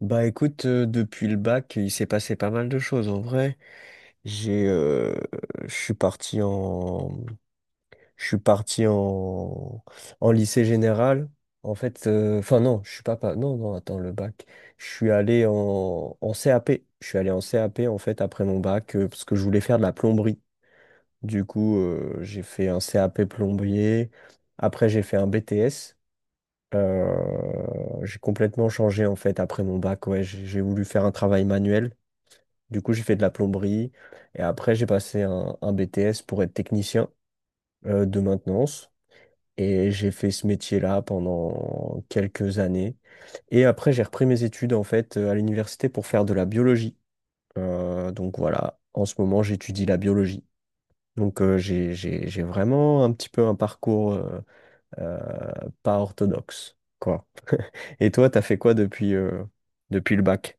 Bah écoute, depuis le bac, il s'est passé pas mal de choses en vrai. J'ai, je suis parti en, Je suis parti en lycée général. En fait, enfin non, je suis pas, pas, non non, attends le bac. Je suis allé en CAP. Je suis allé en CAP en fait après mon bac, parce que je voulais faire de la plomberie. Du coup, j'ai fait un CAP plombier. Après, j'ai fait un BTS. Euh, j'ai complètement changé en fait après mon bac. Ouais, j'ai voulu faire un travail manuel. Du coup, j'ai fait de la plomberie et après, j'ai passé un BTS pour être technicien, de maintenance. Et j'ai fait ce métier-là pendant quelques années. Et après, j'ai repris mes études en fait, à l'université pour faire de la biologie. Donc voilà, en ce moment, j'étudie la biologie. Donc, j'ai vraiment un petit peu un parcours, euh, pas orthodoxe, quoi. Et toi, t'as fait quoi depuis le bac?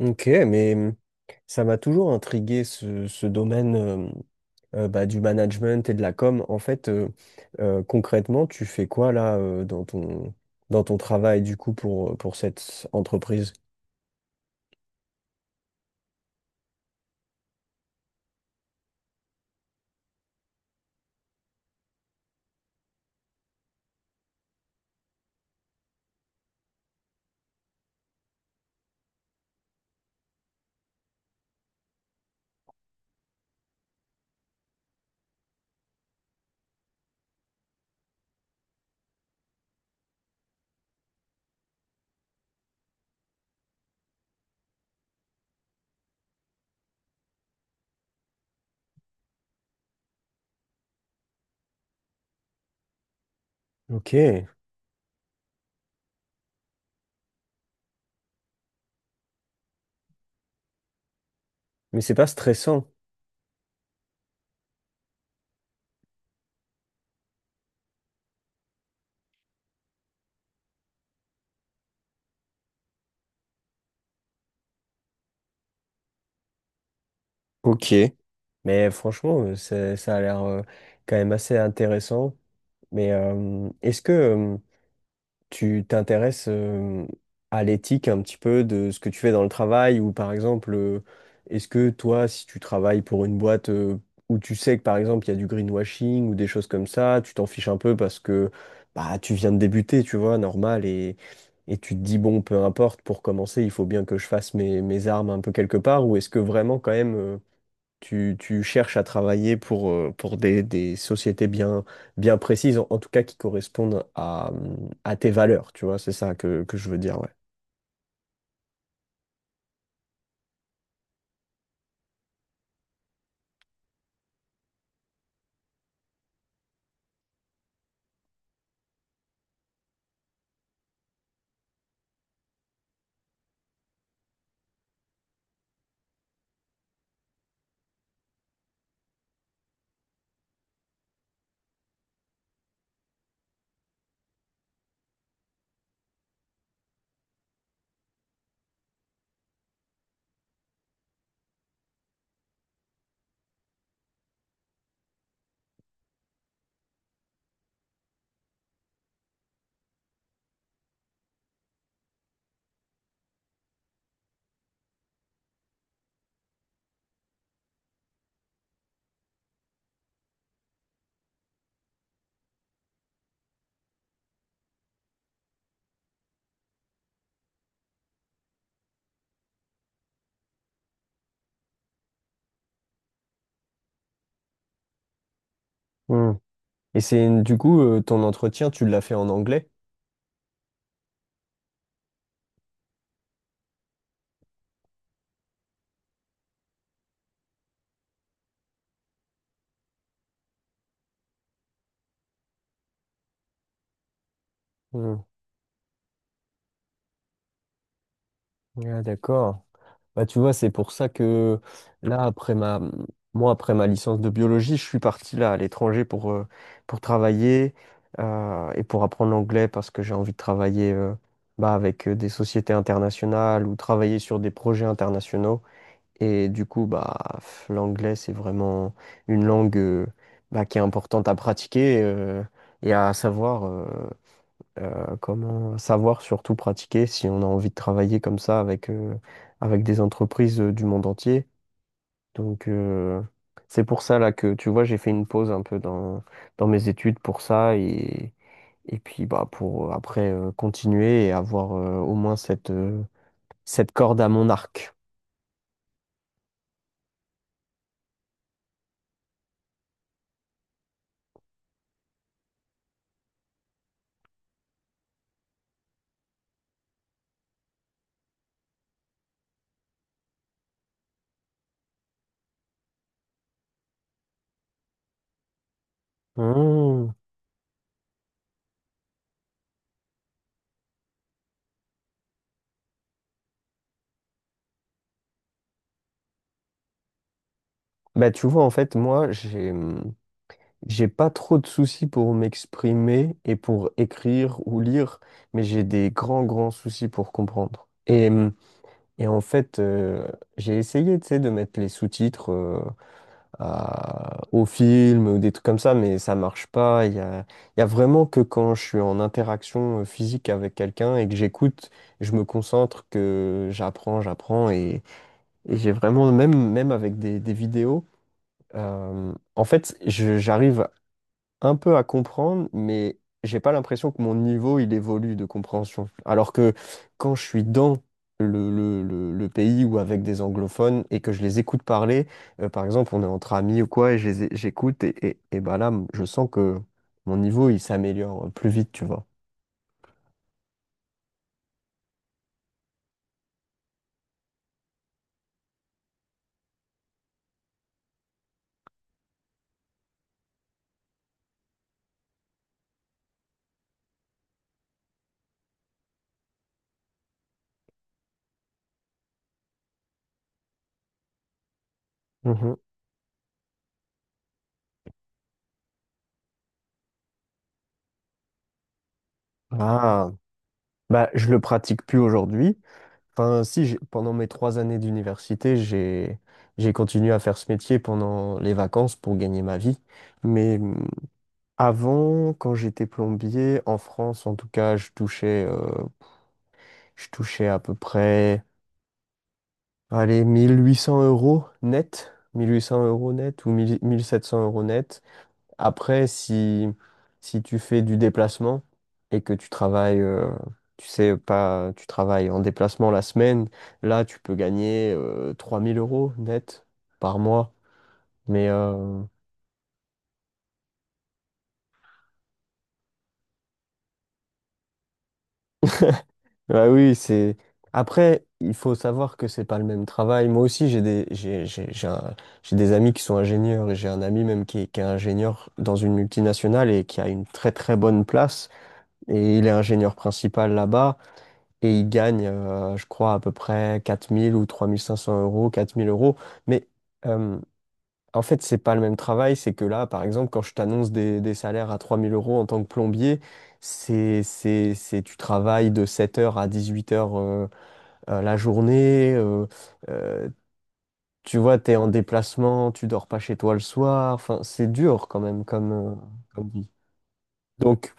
Ok, mais, ça m'a toujours intrigué ce domaine, bah, du management et de la com. En fait, concrètement, tu fais quoi là, dans ton travail du coup pour cette entreprise? Ok, mais c'est pas stressant. Ok. Mais franchement, ça a l'air, quand même assez intéressant. Mais, est-ce que tu t'intéresses, à l'éthique un petit peu de ce que tu fais dans le travail ou par exemple, est-ce que toi, si tu travailles pour une boîte, où tu sais que par exemple il y a du greenwashing ou des choses comme ça, tu t'en fiches un peu parce que bah, tu viens de débuter, tu vois, normal, et tu te dis, bon, peu importe, pour commencer, il faut bien que je fasse mes armes un peu quelque part, ou est-ce que vraiment quand même, tu cherches à travailler pour des sociétés bien précises, en tout cas qui correspondent à tes valeurs, tu vois, c'est ça que je veux dire, ouais. Hmm. Et c'est du coup, ton entretien, tu l'as fait en anglais? Hmm. Ah, d'accord. Bah, tu vois, c'est pour ça que là, moi, après ma licence de biologie, je suis parti là à l'étranger pour travailler, et pour apprendre l'anglais parce que j'ai envie de travailler, bah, avec, des sociétés internationales ou travailler sur des projets internationaux. Et du coup, bah, l'anglais, c'est vraiment une langue, bah, qui est importante à pratiquer, et à savoir. Comment savoir surtout pratiquer si on a envie de travailler comme ça avec des entreprises, du monde entier. Donc, c'est pour ça là que tu vois j'ai fait une pause un peu dans mes études pour ça, et puis bah pour, après, continuer et avoir, au moins cette corde à mon arc. Hmm. Bah tu vois en fait moi, j'ai pas trop de soucis pour m'exprimer et pour écrire ou lire, mais j'ai des grands, grands soucis pour comprendre. Et en fait, j'ai essayé, tu sais, de mettre les sous-titres, au film ou des trucs comme ça, mais ça marche pas. Il y a vraiment que quand je suis en interaction, physique avec quelqu'un et que j'écoute, je me concentre, que j'apprends, j'apprends. Et j'ai vraiment, même, même avec des vidéos, en fait, j'arrive un peu à comprendre, mais j'ai pas l'impression que mon niveau il évolue de compréhension. Alors que quand je suis dans le pays ou avec des anglophones et que je les écoute parler, par exemple, on est entre amis ou quoi, et je les j'écoute, et bah là, je sens que mon niveau il s'améliore plus vite, tu vois. Mhm. Ah, bah, je le pratique plus aujourd'hui. Enfin, si, pendant mes 3 années d'université, j'ai continué à faire ce métier pendant les vacances pour gagner ma vie. Mais, avant, quand j'étais plombier, en France, en tout cas, je touchais à peu près, allez, 1800 euros net, 1800 euros net ou 1000 1700 euros net. Après, si tu fais du déplacement et que tu travailles, tu sais pas, tu travailles en déplacement la semaine, là, tu peux gagner, 3000 euros net par mois. Mais, ah oui, c'est. Après, il faut savoir que c'est pas le même travail. Moi aussi, j'ai des amis qui sont ingénieurs et j'ai un ami même qui est, ingénieur dans une multinationale et qui a une très très bonne place. Et il est ingénieur principal là-bas et il gagne, je crois, à peu près 4000 ou 3500 euros, 4000 euros. Mais, euh, en fait, c'est pas le même travail. C'est que là, par exemple, quand je t'annonce des salaires à 3000 euros en tant que plombier, tu travailles de 7h à 18h, la journée, euh, tu vois, t'es en déplacement, tu dors pas chez toi le soir, enfin, c'est dur quand même comme vie. Donc,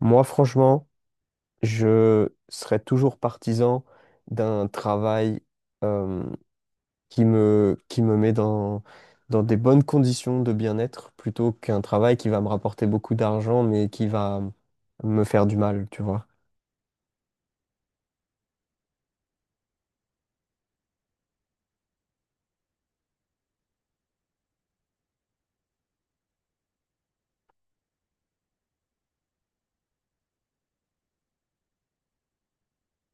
moi, franchement, je serais toujours partisan d'un travail, euh, qui me met dans des bonnes conditions de bien-être plutôt qu'un travail qui va me rapporter beaucoup d'argent mais qui va me faire du mal, tu vois.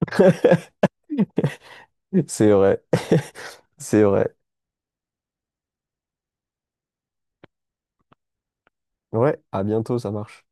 C'est vrai. C'est vrai. Ouais, à bientôt, ça marche.